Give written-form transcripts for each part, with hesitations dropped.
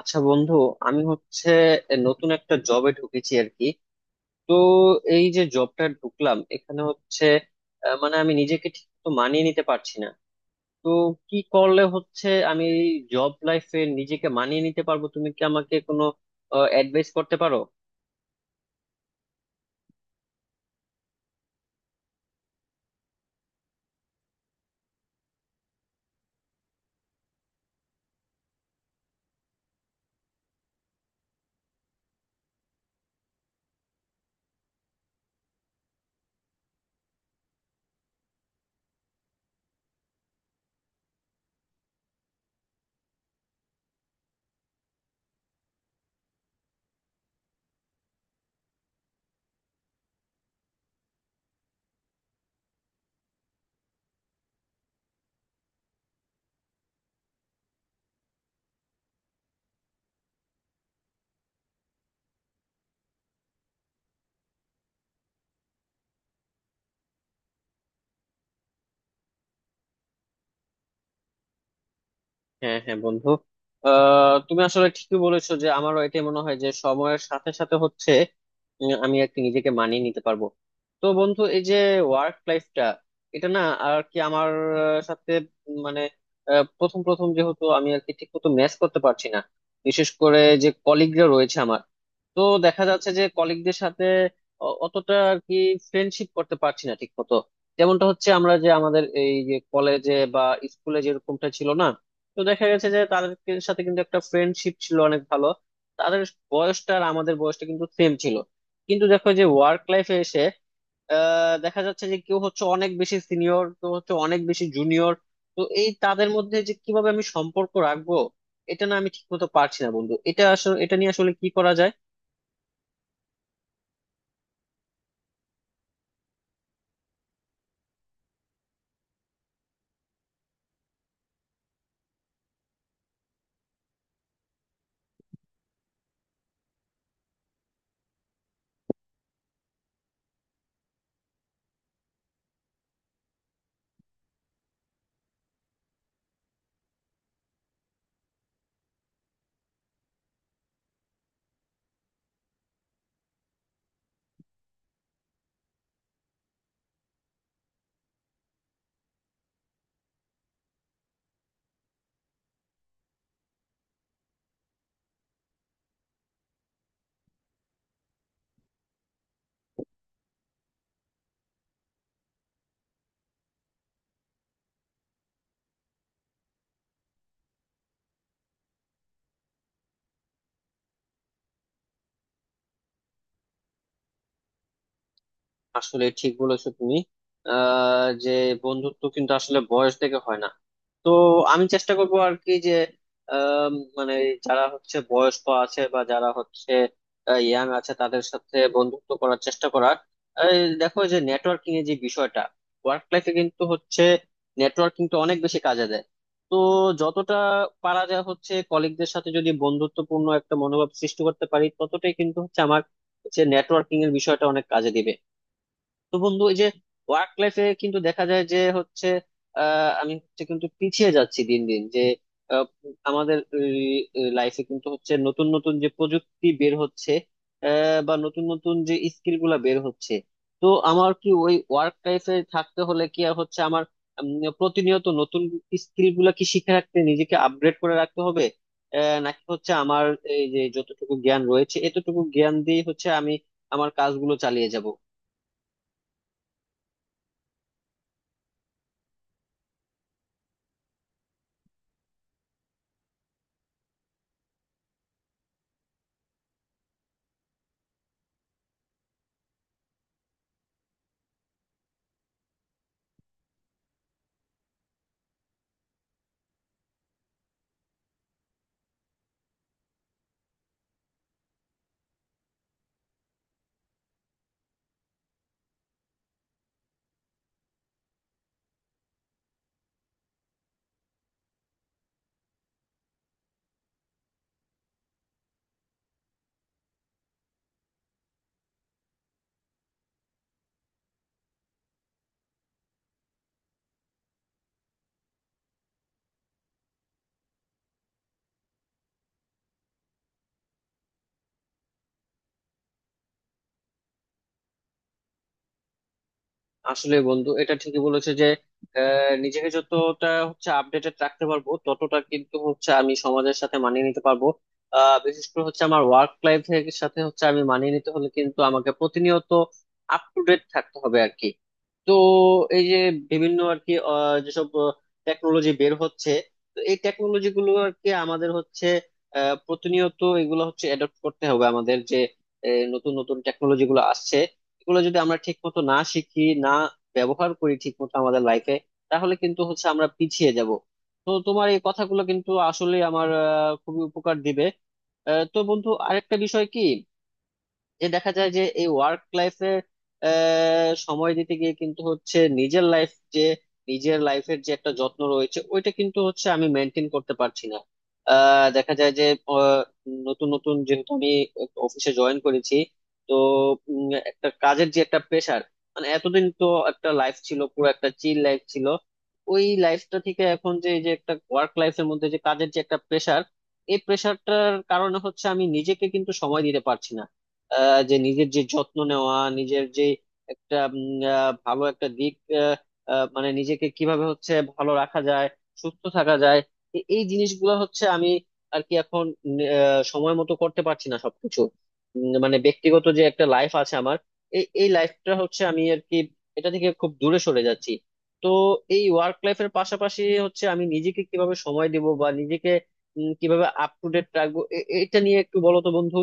আচ্ছা বন্ধু, আমি হচ্ছে নতুন একটা জবে ঢুকেছি আর কি। তো এই যে জবটা ঢুকলাম এখানে হচ্ছে মানে আমি নিজেকে ঠিক তো মানিয়ে নিতে পারছি না। তো কি করলে হচ্ছে আমি জব লাইফে নিজেকে মানিয়ে নিতে পারবো? তুমি কি আমাকে কোনো অ্যাডভাইস করতে পারো? হ্যাঁ হ্যাঁ বন্ধু, আহ তুমি আসলে ঠিকই বলেছো যে আমারও এটাই মনে হয় যে সময়ের সাথে সাথে হচ্ছে আমি আর কি নিজেকে মানিয়ে নিতে পারবো। তো বন্ধু, এই যে ওয়ার্ক লাইফটা এটা না আর কি আমার সাথে মানে প্রথম প্রথম যেহেতু আমি আর কি ঠিক মতো ম্যাচ করতে পারছি না, বিশেষ করে যে কলিগরা রয়েছে আমার। তো দেখা যাচ্ছে যে কলিগদের সাথে অতটা আর কি ফ্রেন্ডশিপ করতে পারছি না ঠিক মতো, যেমনটা হচ্ছে আমরা যে আমাদের এই যে কলেজে বা স্কুলে যেরকমটা ছিল না। তো দেখা গেছে যে তাদের সাথে কিন্তু একটা ফ্রেন্ডশিপ ছিল অনেক ভালো। তাদের বয়সটা আর আমাদের বয়সটা কিন্তু সেম ছিল, কিন্তু দেখো যে ওয়ার্ক লাইফে এসে দেখা যাচ্ছে যে কেউ হচ্ছে অনেক বেশি সিনিয়র, কেউ হচ্ছে অনেক বেশি জুনিয়র। তো এই তাদের মধ্যে যে কিভাবে আমি সম্পর্ক রাখবো এটা না আমি ঠিক মতো পারছি না বন্ধু। এটা আসলে এটা নিয়ে আসলে কি করা যায়? আসলে ঠিক বলেছো তুমি। আহ যে বন্ধুত্ব কিন্তু আসলে বয়স থেকে হয় না। তো আমি চেষ্টা করবো আর কি যে আম, মানে যারা হচ্ছে বয়স্ক আছে বা যারা হচ্ছে ইয়াং আছে তাদের সাথে বন্ধুত্ব করার চেষ্টা করার। এই দেখো যে নেটওয়ার্কিং এর যে বিষয়টা, ওয়ার্ক লাইফে কিন্তু হচ্ছে নেটওয়ার্কিং তো অনেক বেশি কাজে দেয়। তো যতটা পারা যায় হচ্ছে কলিগদের সাথে যদি বন্ধুত্বপূর্ণ একটা মনোভাব সৃষ্টি করতে পারি ততটাই কিন্তু হচ্ছে আমার হচ্ছে নেটওয়ার্কিং এর বিষয়টা অনেক কাজে দিবে। তো বন্ধু এই যে ওয়ার্ক লাইফে কিন্তু দেখা যায় যে হচ্ছে আমি হচ্ছে কিন্তু পিছিয়ে যাচ্ছি দিন দিন যে আহ, আমাদের লাইফে কিন্তু হচ্ছে নতুন নতুন যে প্রযুক্তি বের হচ্ছে, বা নতুন নতুন যে স্কিল গুলা বের হচ্ছে। তো আমার কি ওই ওয়ার্ক লাইফে থাকতে হলে কি আর হচ্ছে আমার উম, প্রতিনিয়ত নতুন স্কিল গুলা কি শিখে রাখতে নিজেকে আপগ্রেড করে রাখতে হবে, নাকি হচ্ছে আমার এই যে যতটুকু জ্ঞান রয়েছে এতটুকু জ্ঞান দিয়ে হচ্ছে আমি আমার কাজগুলো চালিয়ে যাব? আসলে বন্ধু এটা ঠিকই বলেছে যে নিজেকে যতটা হচ্ছে আপডেটেড রাখতে পারবো ততটা কিন্তু হচ্ছে আমি সমাজের সাথে মানিয়ে নিতে পারবো। বিশেষ করে হচ্ছে আমার ওয়ার্ক লাইফের সাথে হচ্ছে আমি মানিয়ে নিতে হলে কিন্তু আমাকে প্রতিনিয়ত আপ টু ডেট থাকতে হবে আর কি। তো এই যে বিভিন্ন আর কি যেসব টেকনোলজি বের হচ্ছে, তো এই টেকনোলজি গুলো আর কি আমাদের হচ্ছে প্রতিনিয়ত এগুলো হচ্ছে অ্যাডপ্ট করতে হবে আমাদের যে নতুন নতুন টেকনোলজি গুলো আসছে, এগুলো যদি আমরা ঠিক মতো না শিখি না ব্যবহার করি ঠিক মতো আমাদের লাইফে, তাহলে কিন্তু হচ্ছে আমরা পিছিয়ে যাব। তো তোমার এই কথাগুলো কিন্তু আসলে আমার খুবই উপকার দিবে। তো বন্ধু আরেকটা বিষয় কি, যে দেখা যায় যে এই ওয়ার্ক লাইফে সময় দিতে গিয়ে কিন্তু হচ্ছে নিজের লাইফ যে নিজের লাইফের যে একটা যত্ন রয়েছে ওইটা কিন্তু হচ্ছে আমি মেনটেন করতে পারছি না। দেখা যায় যে আহ, নতুন নতুন যেহেতু আমি অফিসে জয়েন করেছি, তো উম, একটা কাজের যে একটা প্রেশার, মানে এতদিন তো একটা লাইফ ছিল, পুরো একটা চিল লাইফ ছিল। ওই লাইফটা থেকে এখন যে এই যে একটা ওয়ার্ক লাইফের মধ্যে যে কাজের যে একটা প্রেশার, এই প্রেশারটার কারণে হচ্ছে আমি নিজেকে কিন্তু সময় দিতে পারছি না। যে নিজের যে যত্ন নেওয়া, নিজের যে একটা ভালো একটা দিক, আহ, আহ, মানে নিজেকে কিভাবে হচ্ছে ভালো রাখা যায়, সুস্থ থাকা যায়, এই জিনিসগুলো হচ্ছে আমি আর কি এখন সময় মতো করতে পারছি না সবকিছু। মানে ব্যক্তিগত যে একটা লাইফ আছে আমার, এই এই লাইফটা হচ্ছে আমি আর কি এটা থেকে খুব দূরে সরে যাচ্ছি। তো এই ওয়ার্ক লাইফের পাশাপাশি হচ্ছে আমি নিজেকে কিভাবে সময় দেব বা নিজেকে কিভাবে আপ টু ডেট রাখবো, এটা নিয়ে একটু বলো তো বন্ধু।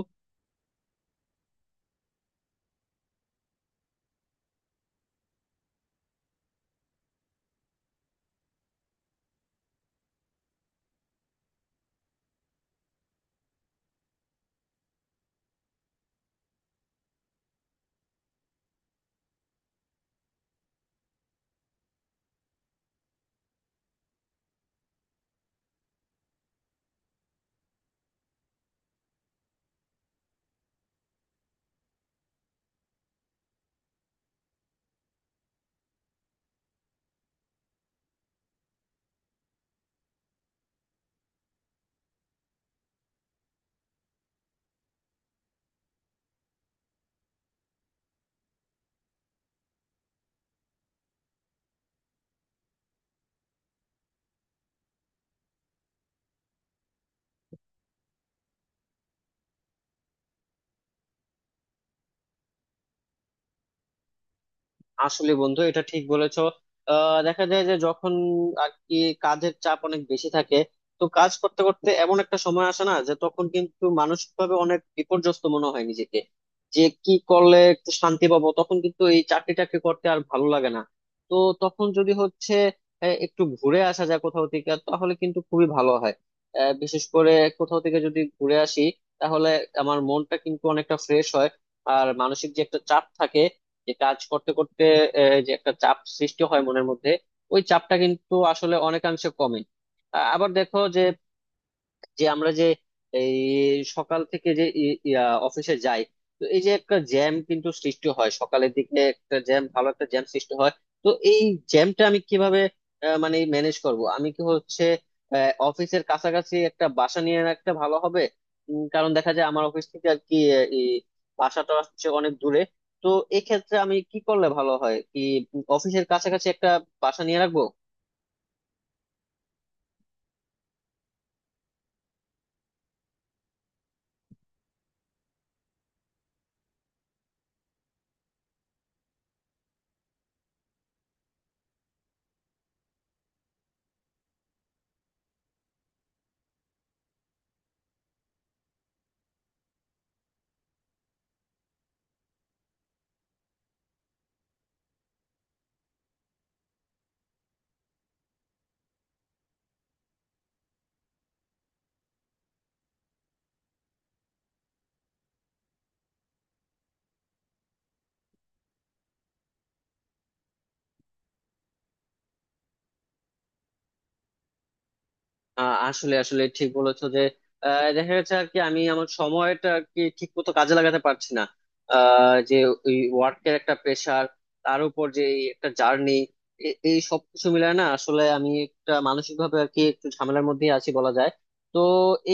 আসলে বন্ধু এটা ঠিক বলেছো। আহ দেখা যায় যে যখন আর কি কাজের চাপ অনেক বেশি থাকে, তো কাজ করতে করতে এমন একটা সময় আসে না যে তখন কিন্তু মানসিক ভাবে অনেক বিপর্যস্ত মনে হয় নিজেকে, যে কি করলে একটু শান্তি পাবো, তখন কিন্তু এই চাকরি টাকরি করতে আর ভালো লাগে না। তো তখন যদি হচ্ছে একটু ঘুরে আসা যায় কোথাও থেকে তাহলে কিন্তু খুবই ভালো হয়। বিশেষ করে কোথাও থেকে যদি ঘুরে আসি তাহলে আমার মনটা কিন্তু অনেকটা ফ্রেশ হয়। আর মানসিক যে একটা চাপ থাকে যে কাজ করতে করতে যে একটা চাপ সৃষ্টি হয় মনের মধ্যে, ওই চাপটা কিন্তু আসলে অনেকাংশে কমে। আবার দেখো যে যে আমরা যে এই সকাল থেকে যে অফিসে যাই, তো এই যে একটা জ্যাম কিন্তু সৃষ্টি হয় সকালের দিকে, একটা জ্যাম ভালো একটা জ্যাম সৃষ্টি হয়। তো এই জ্যামটা আমি কিভাবে মানে ম্যানেজ করব? আমি কি হচ্ছে অফিসের কাছাকাছি একটা বাসা নিয়ে রাখতে ভালো হবে? কারণ দেখা যায় আমার অফিস থেকে আর কি এই বাসাটা হচ্ছে অনেক দূরে। তো এক্ষেত্রে আমি কি করলে ভালো হয়? কি অফিসের কাছাকাছি একটা বাসা নিয়ে রাখবো? আহ আসলে আসলে ঠিক বলেছো যে দেখা গেছে আর কি আমি আমার সময়টা আর কি ঠিক মতো কাজে লাগাতে পারছি না। যে ওই ওয়ার্কের একটা প্রেশার, তার উপর যে এই একটা জার্নি, এই সবকিছু মিলায় না আসলে আমি একটা মানসিক ভাবে আর কি একটু ঝামেলার মধ্যেই আছি বলা যায়। তো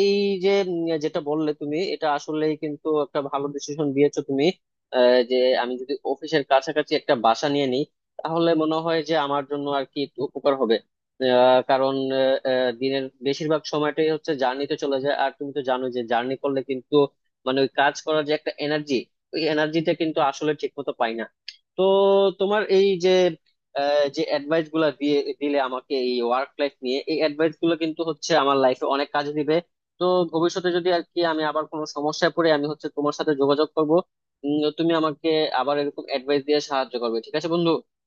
এই যে যেটা বললে তুমি এটা আসলেই কিন্তু একটা ভালো ডিসিশন দিয়েছো তুমি। আহ, যে আমি যদি অফিসের কাছাকাছি একটা বাসা নিয়ে নিই তাহলে মনে হয় যে আমার জন্য আর কি একটু উপকার হবে। কারণ দিনের বেশিরভাগ সময়টাই হচ্ছে জার্নিতে চলে যায়, আর তুমি তো জানো যে জার্নি করলে কিন্তু মানে ওই কাজ করার যে একটা এনার্জি, ওই এনার্জিটা কিন্তু আসলে ঠিক মতো পাই না। তো তোমার এই যে যে অ্যাডভাইস গুলা দিয়ে দিলে আমাকে এই ওয়ার্ক লাইফ নিয়ে, এই অ্যাডভাইস গুলো কিন্তু হচ্ছে আমার লাইফে অনেক কাজে দিবে। তো ভবিষ্যতে যদি আর কি আমি আবার কোনো সমস্যায় পড়ে আমি হচ্ছে তোমার সাথে যোগাযোগ করবো। তুমি আমাকে আবার এরকম অ্যাডভাইস দিয়ে সাহায্য করবে, ঠিক আছে বন্ধু?